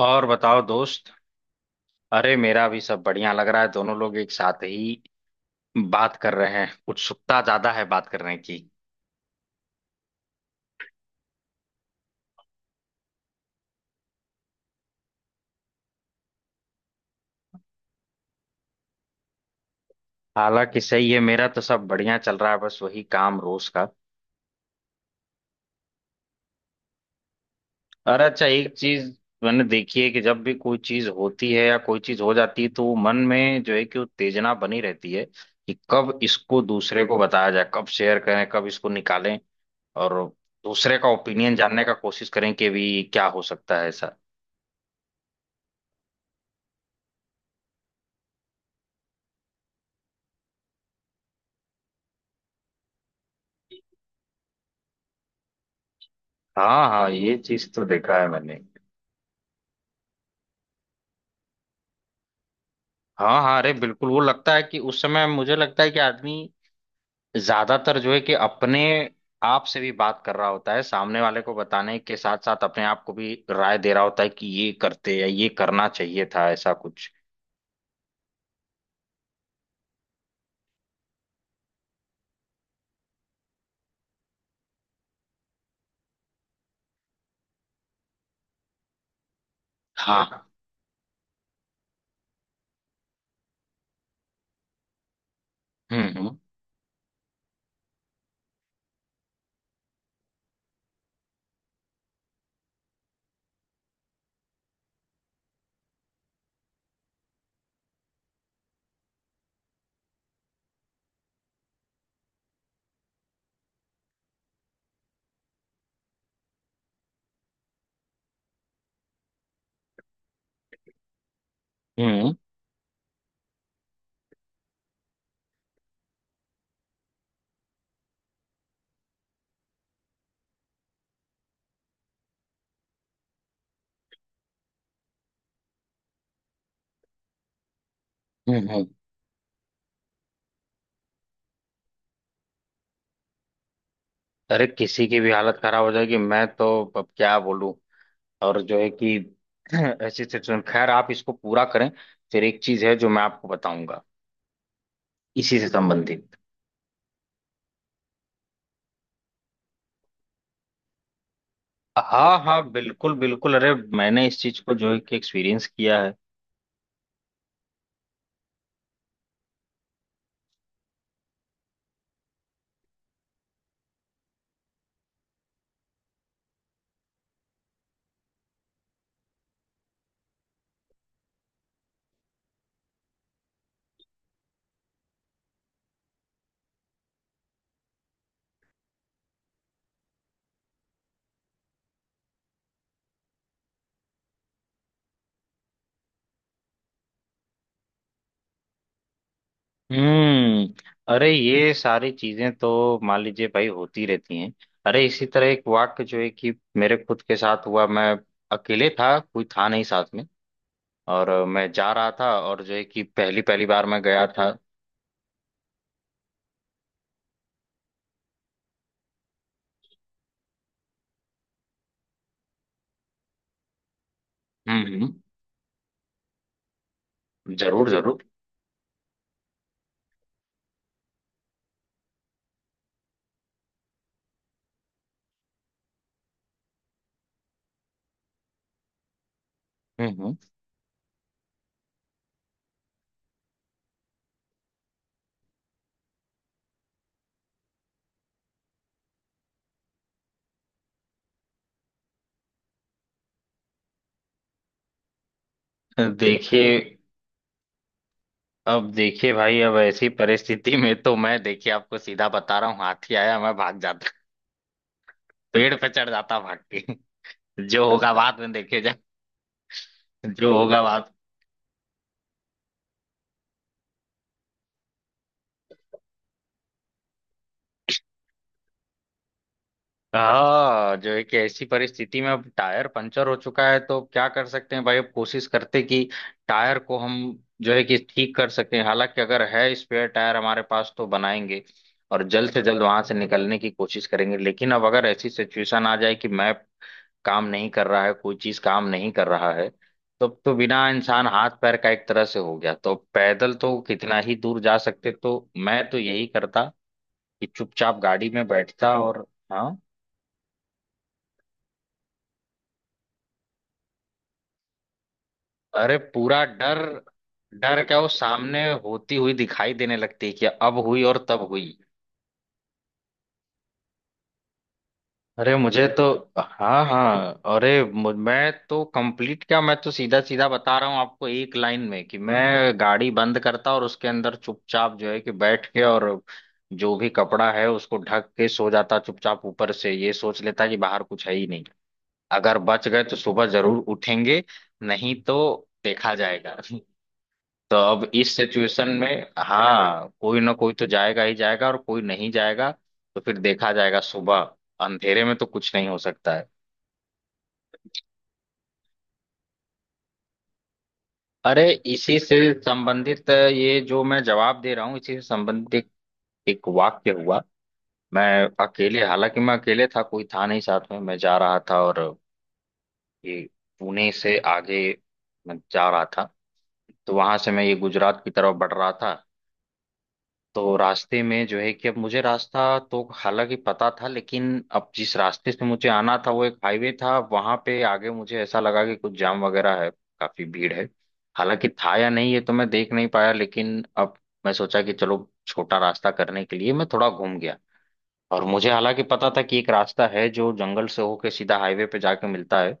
और बताओ दोस्त। अरे मेरा भी सब बढ़िया लग रहा है, दोनों लोग एक साथ ही बात कर रहे हैं, उत्सुकता ज्यादा है बात करने की। हालांकि सही है, मेरा तो सब बढ़िया चल रहा है, बस वही काम रोज का। अरे अच्छा एक चीज मैंने देखी है कि जब भी कोई चीज होती है या कोई चीज हो जाती है तो वो मन में जो है कि उत्तेजना बनी रहती है कि कब इसको दूसरे को बताया जाए, कब शेयर करें, कब इसको निकालें और दूसरे का ओपिनियन जानने का कोशिश करें कि भी क्या हो सकता है ऐसा। हाँ हाँ, ये चीज तो देखा है मैंने। हाँ हाँ, अरे बिल्कुल, वो लगता है कि उस समय मुझे लगता है कि आदमी ज्यादातर जो है कि अपने आप से भी बात कर रहा होता है, सामने वाले को बताने के साथ साथ अपने आप को भी राय दे रहा होता है कि ये करते या ये करना चाहिए था, ऐसा कुछ। हाँ। हम्म हम्म हम्म हम्म हम्म। अरे किसी की भी हालत खराब हो जाएगी, मैं तो अब क्या बोलूं, और जो है कि ऐसी सिचुएशन, खैर आप इसको पूरा करें, फिर एक चीज है जो मैं आपको बताऊंगा इसी से संबंधित। हाँ हाँ, बिल्कुल बिल्कुल, अरे मैंने इस चीज को जो है कि एक्सपीरियंस किया है। अरे ये सारी चीजें तो मान लीजिए भाई होती रहती हैं। अरे इसी तरह एक वाक्य जो है कि मेरे खुद के साथ हुआ, मैं अकेले था, कोई था नहीं साथ में, और मैं जा रहा था और जो है कि पहली पहली बार मैं गया था। हम्म हम्म, जरूर जरूर। हम्म हम्म, देखिए, अब देखिए भाई, अब ऐसी परिस्थिति में तो मैं देखिए आपको सीधा बता रहा हूँ, हाथी आया मैं भाग जाता, पेड़ पे चढ़ जाता भाग के, जो होगा बाद में देखे जाए। जो होगा बाद। हाँ, जो एक ऐसी परिस्थिति में अब टायर पंचर हो चुका है तो क्या कर सकते हैं भाई, अब कोशिश करते कि टायर को हम जो है कि ठीक कर सकें, हालांकि अगर है स्पेयर टायर हमारे पास तो बनाएंगे और जल्द से जल्द वहां से निकलने की कोशिश करेंगे, लेकिन अब अगर ऐसी सिचुएशन आ जाए कि मैप काम नहीं कर रहा है, कोई चीज काम नहीं कर रहा है, तब तो बिना इंसान हाथ पैर का एक तरह से हो गया, तो पैदल तो कितना ही दूर जा सकते, तो मैं तो यही करता कि चुपचाप गाड़ी में बैठता और हाँ। अरे पूरा डर, डर क्या वो सामने होती हुई दिखाई देने लगती है कि अब हुई और तब हुई। अरे मुझे तो, हाँ हाँ, अरे मैं तो कंप्लीट क्या, मैं तो सीधा सीधा बता रहा हूँ आपको एक लाइन में, कि मैं गाड़ी बंद करता और उसके अंदर चुपचाप जो है कि बैठ के और जो भी कपड़ा है उसको ढक के सो जाता चुपचाप, ऊपर से ये सोच लेता कि बाहर कुछ है ही नहीं। अगर बच गए तो सुबह जरूर उठेंगे, नहीं तो देखा जाएगा। तो अब इस सिचुएशन में हाँ कोई ना कोई तो जाएगा ही जाएगा और कोई नहीं जाएगा तो फिर देखा जाएगा सुबह। अंधेरे में तो कुछ नहीं हो सकता है। अरे इसी से संबंधित, ये जो मैं जवाब दे रहा हूँ इसी से संबंधित एक, एक वाक्य हुआ। मैं अकेले, हालांकि मैं अकेले था, कोई था नहीं साथ में, मैं जा रहा था और ये पुणे से आगे मैं जा रहा था, तो वहां से मैं ये गुजरात की तरफ बढ़ रहा था। तो रास्ते में जो है कि अब मुझे रास्ता तो हालांकि पता था, लेकिन अब जिस रास्ते से मुझे आना था वो एक हाईवे था, वहां पे आगे मुझे ऐसा लगा कि कुछ जाम वगैरह है, काफी भीड़ है। हालांकि था या नहीं ये तो मैं देख नहीं पाया, लेकिन अब मैं सोचा कि चलो छोटा रास्ता करने के लिए मैं थोड़ा घूम गया, और मुझे हालांकि पता था कि एक रास्ता है जो जंगल से होके सीधा हाईवे पे जाके मिलता है।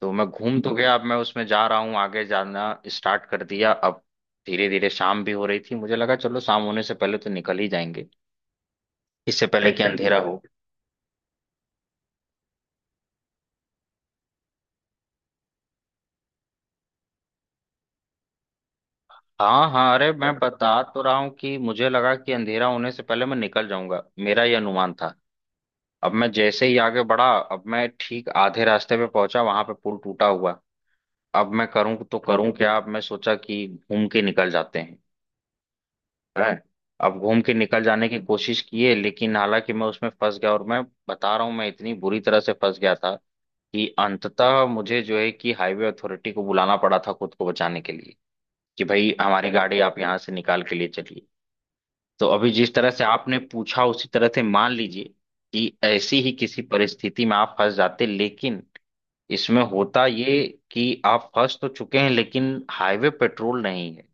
तो मैं घूम तो गया, अब मैं उसमें जा रहा हूँ, आगे जाना स्टार्ट कर दिया। अब धीरे धीरे शाम भी हो रही थी, मुझे लगा चलो शाम होने से पहले तो निकल ही जाएंगे, इससे पहले कि अंधेरा हो। हाँ हाँ, अरे मैं बता तो रहा हूँ कि मुझे लगा कि अंधेरा होने से पहले मैं निकल जाऊंगा, मेरा ये अनुमान था। अब मैं जैसे ही आगे बढ़ा, अब मैं ठीक आधे रास्ते पे पहुंचा, वहां पे पुल टूटा हुआ। अब मैं करूँ तो करूँ क्या, अब मैं सोचा कि घूम के निकल जाते हैं। है, अब घूम के निकल जाने की कोशिश किए, लेकिन हालांकि मैं उसमें फंस गया, और मैं बता रहा हूँ मैं इतनी बुरी तरह से फंस गया था कि अंततः मुझे जो है कि हाईवे अथॉरिटी को बुलाना पड़ा था खुद को बचाने के लिए, कि भाई हमारी गाड़ी आप यहाँ से निकाल के लिए चलिए। तो अभी जिस तरह से आपने पूछा उसी तरह से मान लीजिए कि ऐसी ही किसी परिस्थिति में आप फंस जाते, लेकिन इसमें होता ये कि आप फंस तो चुके हैं लेकिन हाईवे पेट्रोल नहीं है,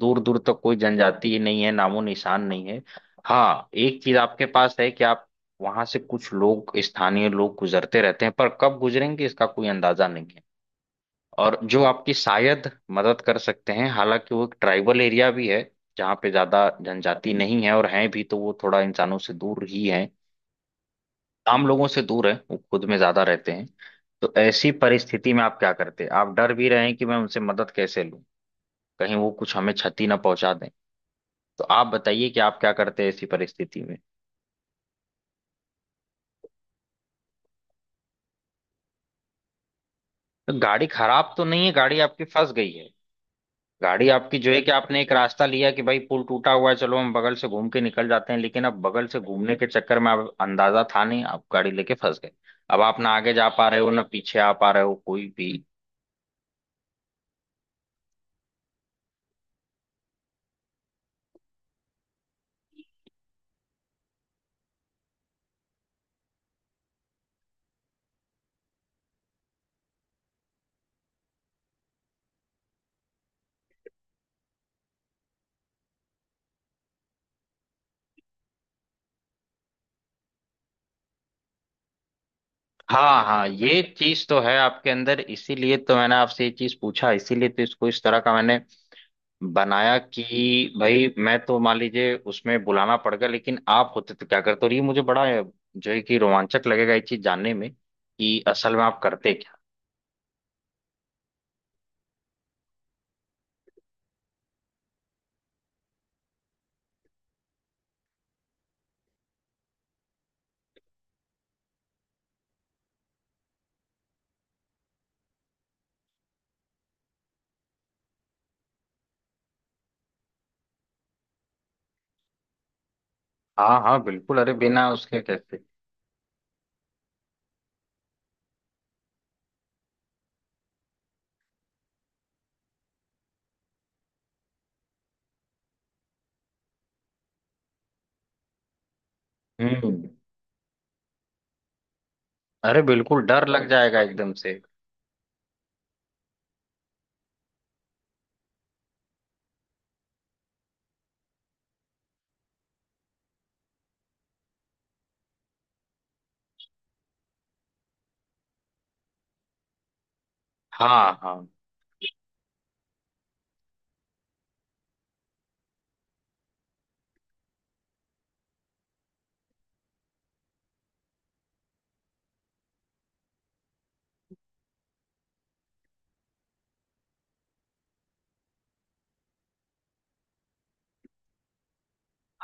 दूर दूर तक कोई जनजाति ही नहीं है, नामो निशान नहीं है। हाँ, एक चीज आपके पास है कि आप, वहां से कुछ लोग स्थानीय लोग गुजरते रहते हैं, पर कब गुजरेंगे इसका कोई अंदाजा नहीं है, और जो आपकी शायद मदद कर सकते हैं, हालांकि वो एक ट्राइबल एरिया भी है जहाँ पे ज्यादा जनजाति नहीं है, और हैं भी तो वो थोड़ा इंसानों से दूर ही है, आम लोगों से दूर है, वो खुद में ज्यादा रहते हैं। तो ऐसी परिस्थिति में आप क्या करते, आप डर भी रहे हैं कि मैं उनसे मदद कैसे लूं, कहीं वो कुछ हमें क्षति ना पहुंचा दें। तो आप बताइए कि आप क्या करते हैं ऐसी परिस्थिति में। तो गाड़ी खराब तो नहीं है, गाड़ी आपकी फंस गई है। गाड़ी आपकी जो है कि आपने एक रास्ता लिया कि भाई पुल टूटा हुआ है, चलो हम बगल से घूम के निकल जाते हैं, लेकिन अब बगल से घूमने के चक्कर में आप, अंदाजा था नहीं, आप गाड़ी लेके फंस गए। अब आप ना आगे जा पा रहे हो ना पीछे आ पा रहे हो, कोई भी। हाँ हाँ, ये चीज तो है आपके अंदर, इसीलिए तो मैंने आपसे ये चीज पूछा, इसीलिए तो इसको इस तरह का मैंने बनाया कि भाई मैं तो मान लीजिए उसमें बुलाना पड़ गया, लेकिन आप होते तो क्या करते, और ये मुझे बड़ा जो है कि रोमांचक लगेगा ये चीज जानने में कि असल में आप करते क्या। हाँ हाँ बिल्कुल, अरे बिना उसके कैसे। हम्म अरे बिल्कुल डर लग जाएगा एकदम से। हाँ हाँ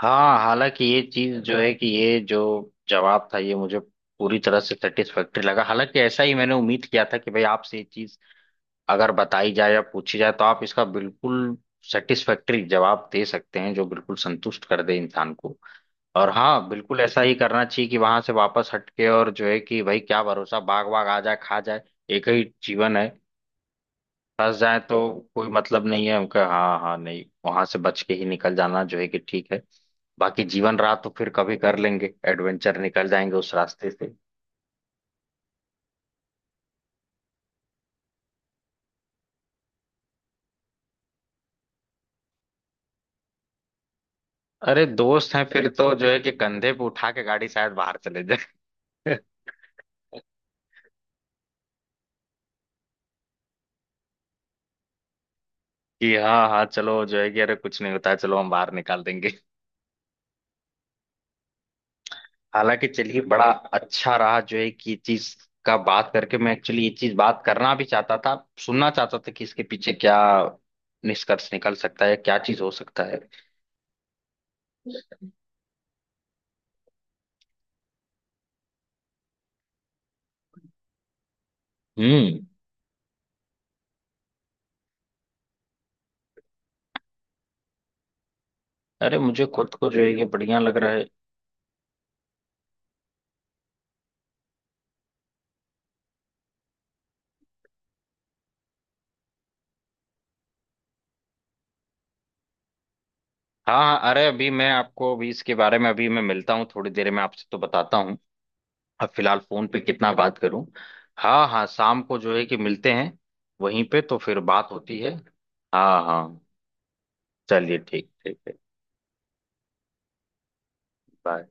हाँ। हालांकि ये चीज जो है कि ये जो जवाब था, ये मुझे पूरी तरह से सेटिस्फैक्ट्री लगा, हालांकि ऐसा ही मैंने उम्मीद किया था कि भाई आपसे ये चीज अगर बताई जाए या पूछी जाए तो आप इसका बिल्कुल सेटिस्फैक्टरी जवाब दे सकते हैं जो बिल्कुल संतुष्ट कर दे इंसान को। और हाँ बिल्कुल ऐसा ही करना चाहिए कि वहां से वापस हटके, और जो है कि भाई क्या भरोसा, बाघ वाघ आ जाए, खा जाए, एक ही जीवन है, फंस जाए तो कोई मतलब नहीं है उनका। हाँ हाँ, नहीं, वहां से बच के ही निकल जाना जो है कि ठीक है, बाकी जीवन रहा तो फिर कभी कर लेंगे एडवेंचर, निकल जाएंगे उस रास्ते से। अरे दोस्त हैं फिर तो जो है कि कंधे पे उठा के गाड़ी शायद बाहर चले जाए, कि हाँ हाँ चलो जो है कि अरे कुछ नहीं होता है, चलो हम बाहर निकाल देंगे। हालांकि चलिए, बड़ा अच्छा रहा जो है कि ये चीज का बात करके, मैं एक्चुअली ये चीज बात करना भी चाहता था, सुनना चाहता था कि इसके पीछे क्या निष्कर्ष निकल सकता है, क्या चीज हो सकता है। हम्म। अरे मुझे खुद को जो है कि बढ़िया लग रहा है। हाँ हाँ, अरे अभी मैं आपको अभी इसके बारे में अभी मैं मिलता हूँ थोड़ी देर में आपसे, तो बताता हूँ, अब फिलहाल फोन पे कितना बात करूं। हाँ हाँ, शाम को जो है कि मिलते हैं, वहीं पे तो फिर बात होती है। हाँ हाँ, चलिए ठीक, ठीक है। बाय।